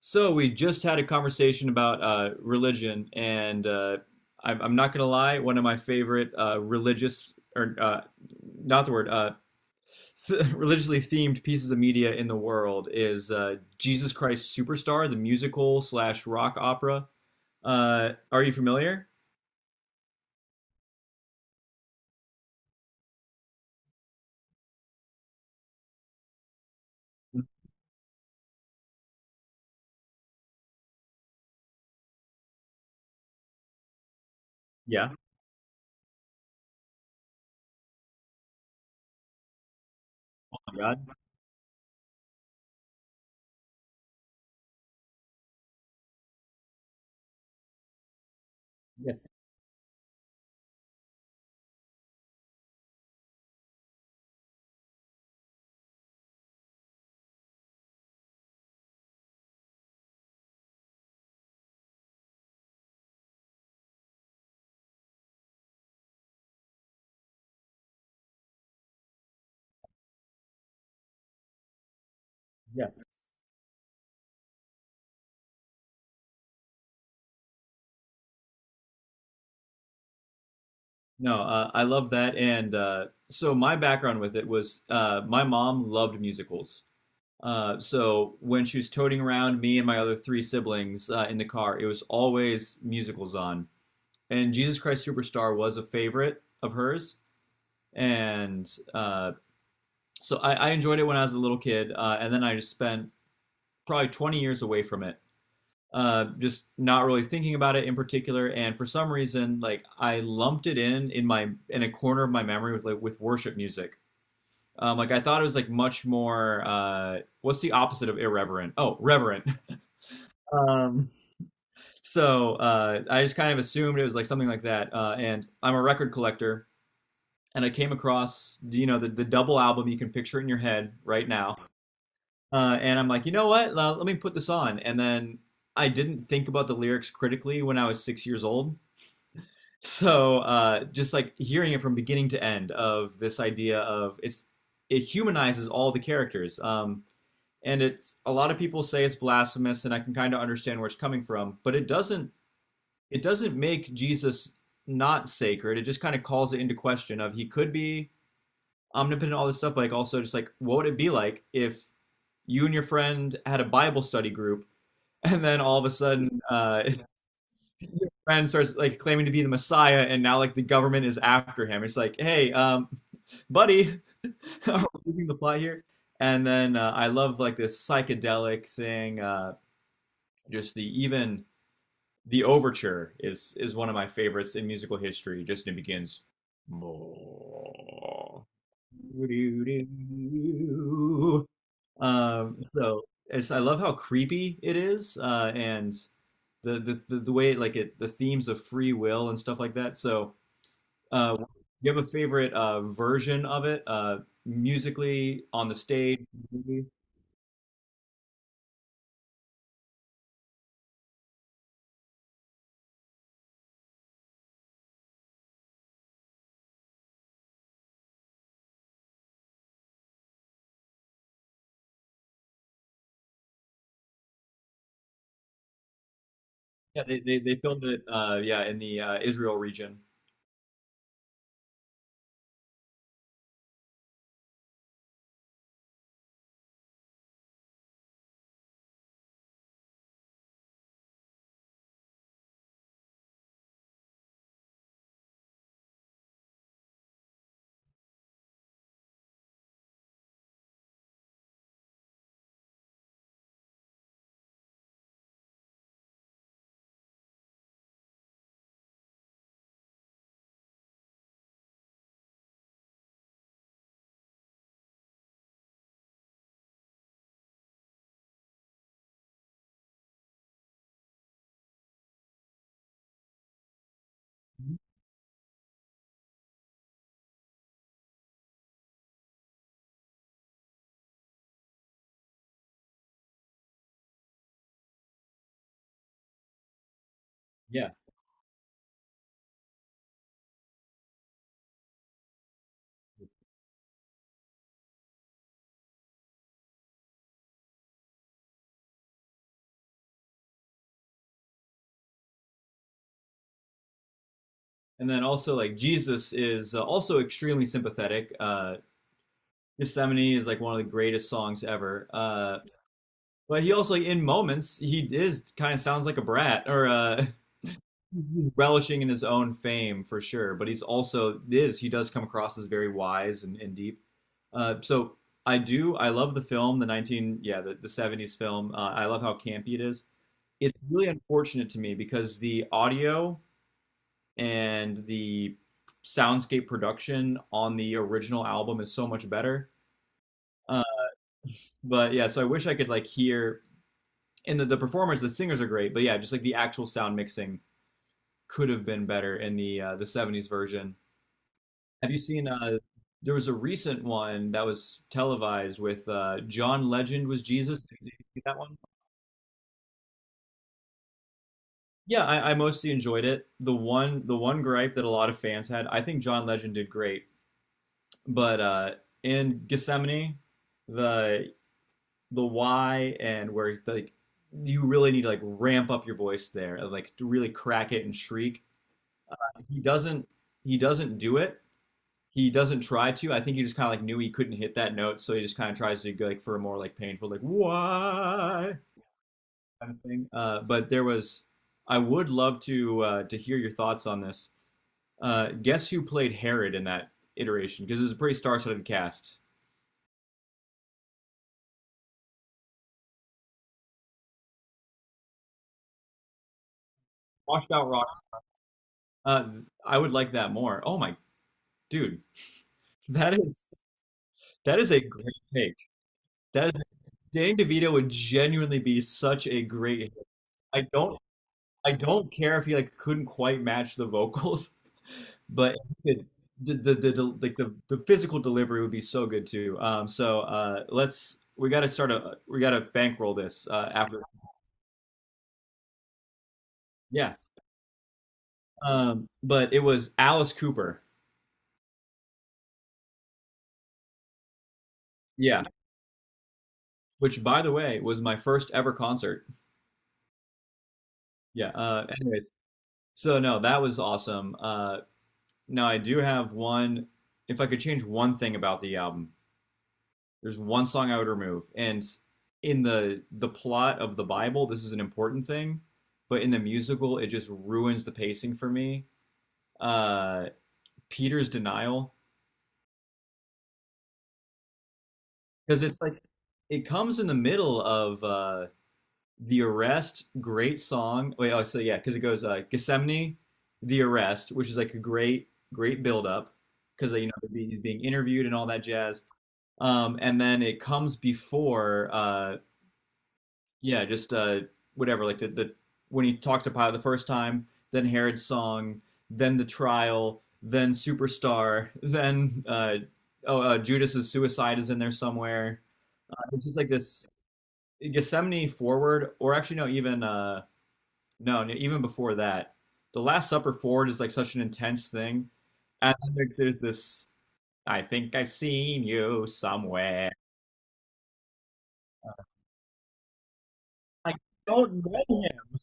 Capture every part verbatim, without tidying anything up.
So we just had a conversation about uh, religion, and uh, I'm, I'm not gonna lie, one of my favorite uh, religious or uh, not the word uh, th religiously themed pieces of media in the world is uh, Jesus Christ Superstar, the musical slash rock opera. Uh, are you familiar? Yeah. Oh my God. Yes. Yes. No, uh, I love that. And uh, so my background with it was uh, my mom loved musicals. Uh, so when she was toting around me and my other three siblings uh, in the car, it was always musicals on. And Jesus Christ Superstar was a favorite of hers. And uh, so I, I enjoyed it when I was a little kid. Uh, and then I just spent probably twenty years away from it, uh, just not really thinking about it in particular. And for some reason, like I lumped it in in my in a corner of my memory with like with worship music. Um, like I thought it was like much more. Uh, what's the opposite of irreverent? Oh, reverent. Um, so uh, I just kind of assumed it was like something like that. Uh, and I'm a record collector, and I came across you know the, the double album. You can picture it in your head right now. Uh, and I'm like, you know what? Uh, let me put this on. And then I didn't think about the lyrics critically when I was six years old. So uh, just like hearing it from beginning to end of this idea of it's it humanizes all the characters. Um, and it's a lot of people say it's blasphemous, and I can kind of understand where it's coming from, but it doesn't it doesn't make Jesus not sacred. It just kind of calls it into question of he could be omnipotent, all this stuff, but like also just like what would it be like if you and your friend had a Bible study group and then all of a sudden uh your friend starts like claiming to be the Messiah and now like the government is after him. It's like, hey, um, buddy, are we losing the plot here? And then uh, I love like this psychedelic thing, uh just the even the overture is is one of my favorites in musical history. Just it begins. Um, so it's, I love how creepy it is, uh, and the, the the the way it, like it the themes of free will and stuff like that. So, uh, do you have a favorite uh, version of it uh, musically on the stage? Yeah, they they, they filmed it. Uh, yeah, in the uh, Israel region. Mhm. Yeah. And then also like Jesus is uh, also extremely sympathetic. Uh, Gethsemane is like one of the greatest songs ever. Uh, but he also like in moments he is kind of sounds like a brat or uh, he's relishing in his own fame for sure. But he's also is he does come across as very wise and, and deep. Uh, so I do I love the film the nineteen yeah the, the seventies film. Uh, I love how campy it is. It's really unfortunate to me because the audio and the soundscape production on the original album is so much better. Uh, but yeah, so I wish I could like hear and the, the performers, the singers are great, but yeah, just like the actual sound mixing could have been better in the uh, the seventies version. Have you seen? Uh, there was a recent one that was televised with uh, John Legend was Jesus. Did you see that one? Yeah, I, I mostly enjoyed it. The one the one gripe that a lot of fans had, I think John Legend did great. But uh, in Gethsemane, the the why and where like you really need to like ramp up your voice there, like to really crack it and shriek. He doesn't he doesn't do it. He doesn't try to. I think he just kind of like knew he couldn't hit that note, so he just kind of tries to go like for a more like painful like why kind of thing. Uh, but there was, I would love to uh, to hear your thoughts on this. Uh, guess who played Herod in that iteration? Because it was a pretty star-studded cast. Washed out Uh, I would like that more. Oh my dude, that is that is a great take. That is Danny DeVito would genuinely be such a great. I don't I don't care if he like couldn't quite match the vocals, but it, the, the the the like the the physical delivery would be so good too. Um, so uh, let's we got to start a we got to bankroll this uh, after yeah. Um, but it was Alice Cooper. Yeah, which by the way was my first ever concert. Yeah. Uh, anyways, so no, that was awesome. Uh, now I do have one. If I could change one thing about the album, there's one song I would remove, and in the the plot of the Bible, this is an important thing, but in the musical, it just ruins the pacing for me. Uh, Peter's denial, because it's like it comes in the middle of uh, The Arrest, great song. Wait, oh, so yeah, because it goes uh, Gethsemane, The Arrest, which is like a great, great build up because you know he's being interviewed and all that jazz. Um, and then it comes before, uh, yeah, just uh, whatever, like the, the when he talked to Pilate the first time, then Herod's song, then the trial, then Superstar, then uh, oh, uh, Judas's suicide is in there somewhere. Uh, It's just like this Gethsemane forward, or actually no, even uh, no, no, even before that, the Last Supper forward is like such an intense thing, and then there- there's this. I think I've seen you somewhere. I don't know him.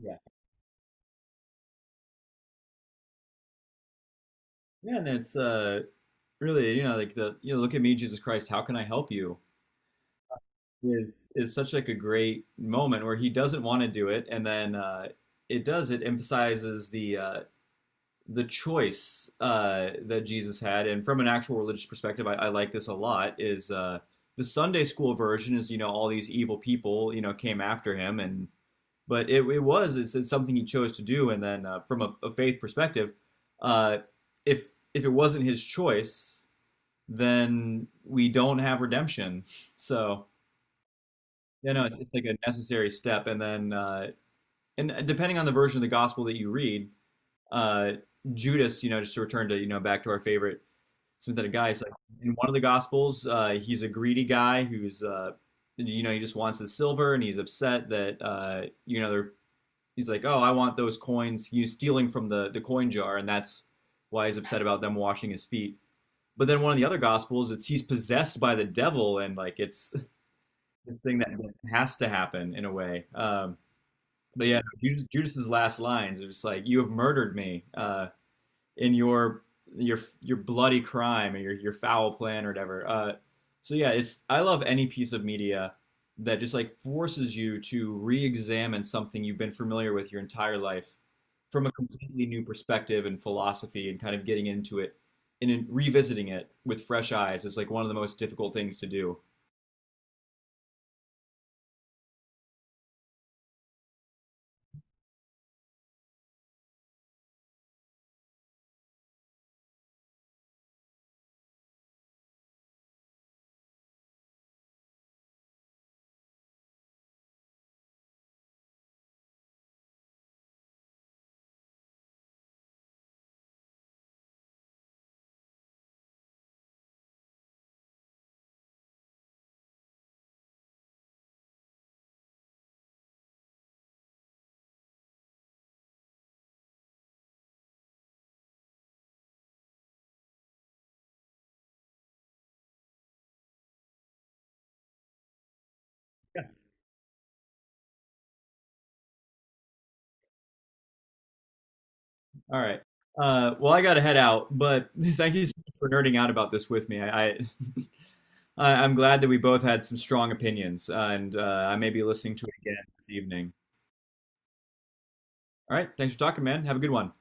Yeah, yeah, and it's uh really you know like the you know look at me Jesus Christ, how can I help you? Is is such like a great moment where he doesn't want to do it, and then uh, it does. It emphasizes the uh, the choice uh, that Jesus had, and from an actual religious perspective, I, I like this a lot. Is uh, the Sunday school version is you know all these evil people you know came after him, and but it, it was it's, it's something he chose to do, and then uh, from a, a faith perspective, uh, if if it wasn't his choice, then we don't have redemption. So you know it's, it's like a necessary step, and then uh, and depending on the version of the gospel that you read, uh, Judas, you know, just to return to you know back to our favorite sympathetic guy. It's like in one of the gospels, uh, he's a greedy guy who's uh, you know he just wants the silver and he's upset that uh, you know they're, he's like, oh, I want those coins. He's stealing from the the coin jar, and that's why he's upset about them washing his feet. But then one of the other gospels, it's he's possessed by the devil, and like it's this thing that has to happen in a way. Um, but yeah, Judas, Judas's last lines it's like, "You have murdered me." Uh, in your your your bloody crime or your your foul plan or whatever. Uh, so yeah, it's I love any piece of media that just like forces you to re-examine something you've been familiar with your entire life from a completely new perspective and philosophy and kind of getting into it and in revisiting it with fresh eyes is like one of the most difficult things to do. All right. Uh, well, I got to head out, but thank you so much for nerding out about this with me. I, I I, I'm glad that we both had some strong opinions, and uh, I may be listening to it again this evening. All right, thanks for talking, man. Have a good one.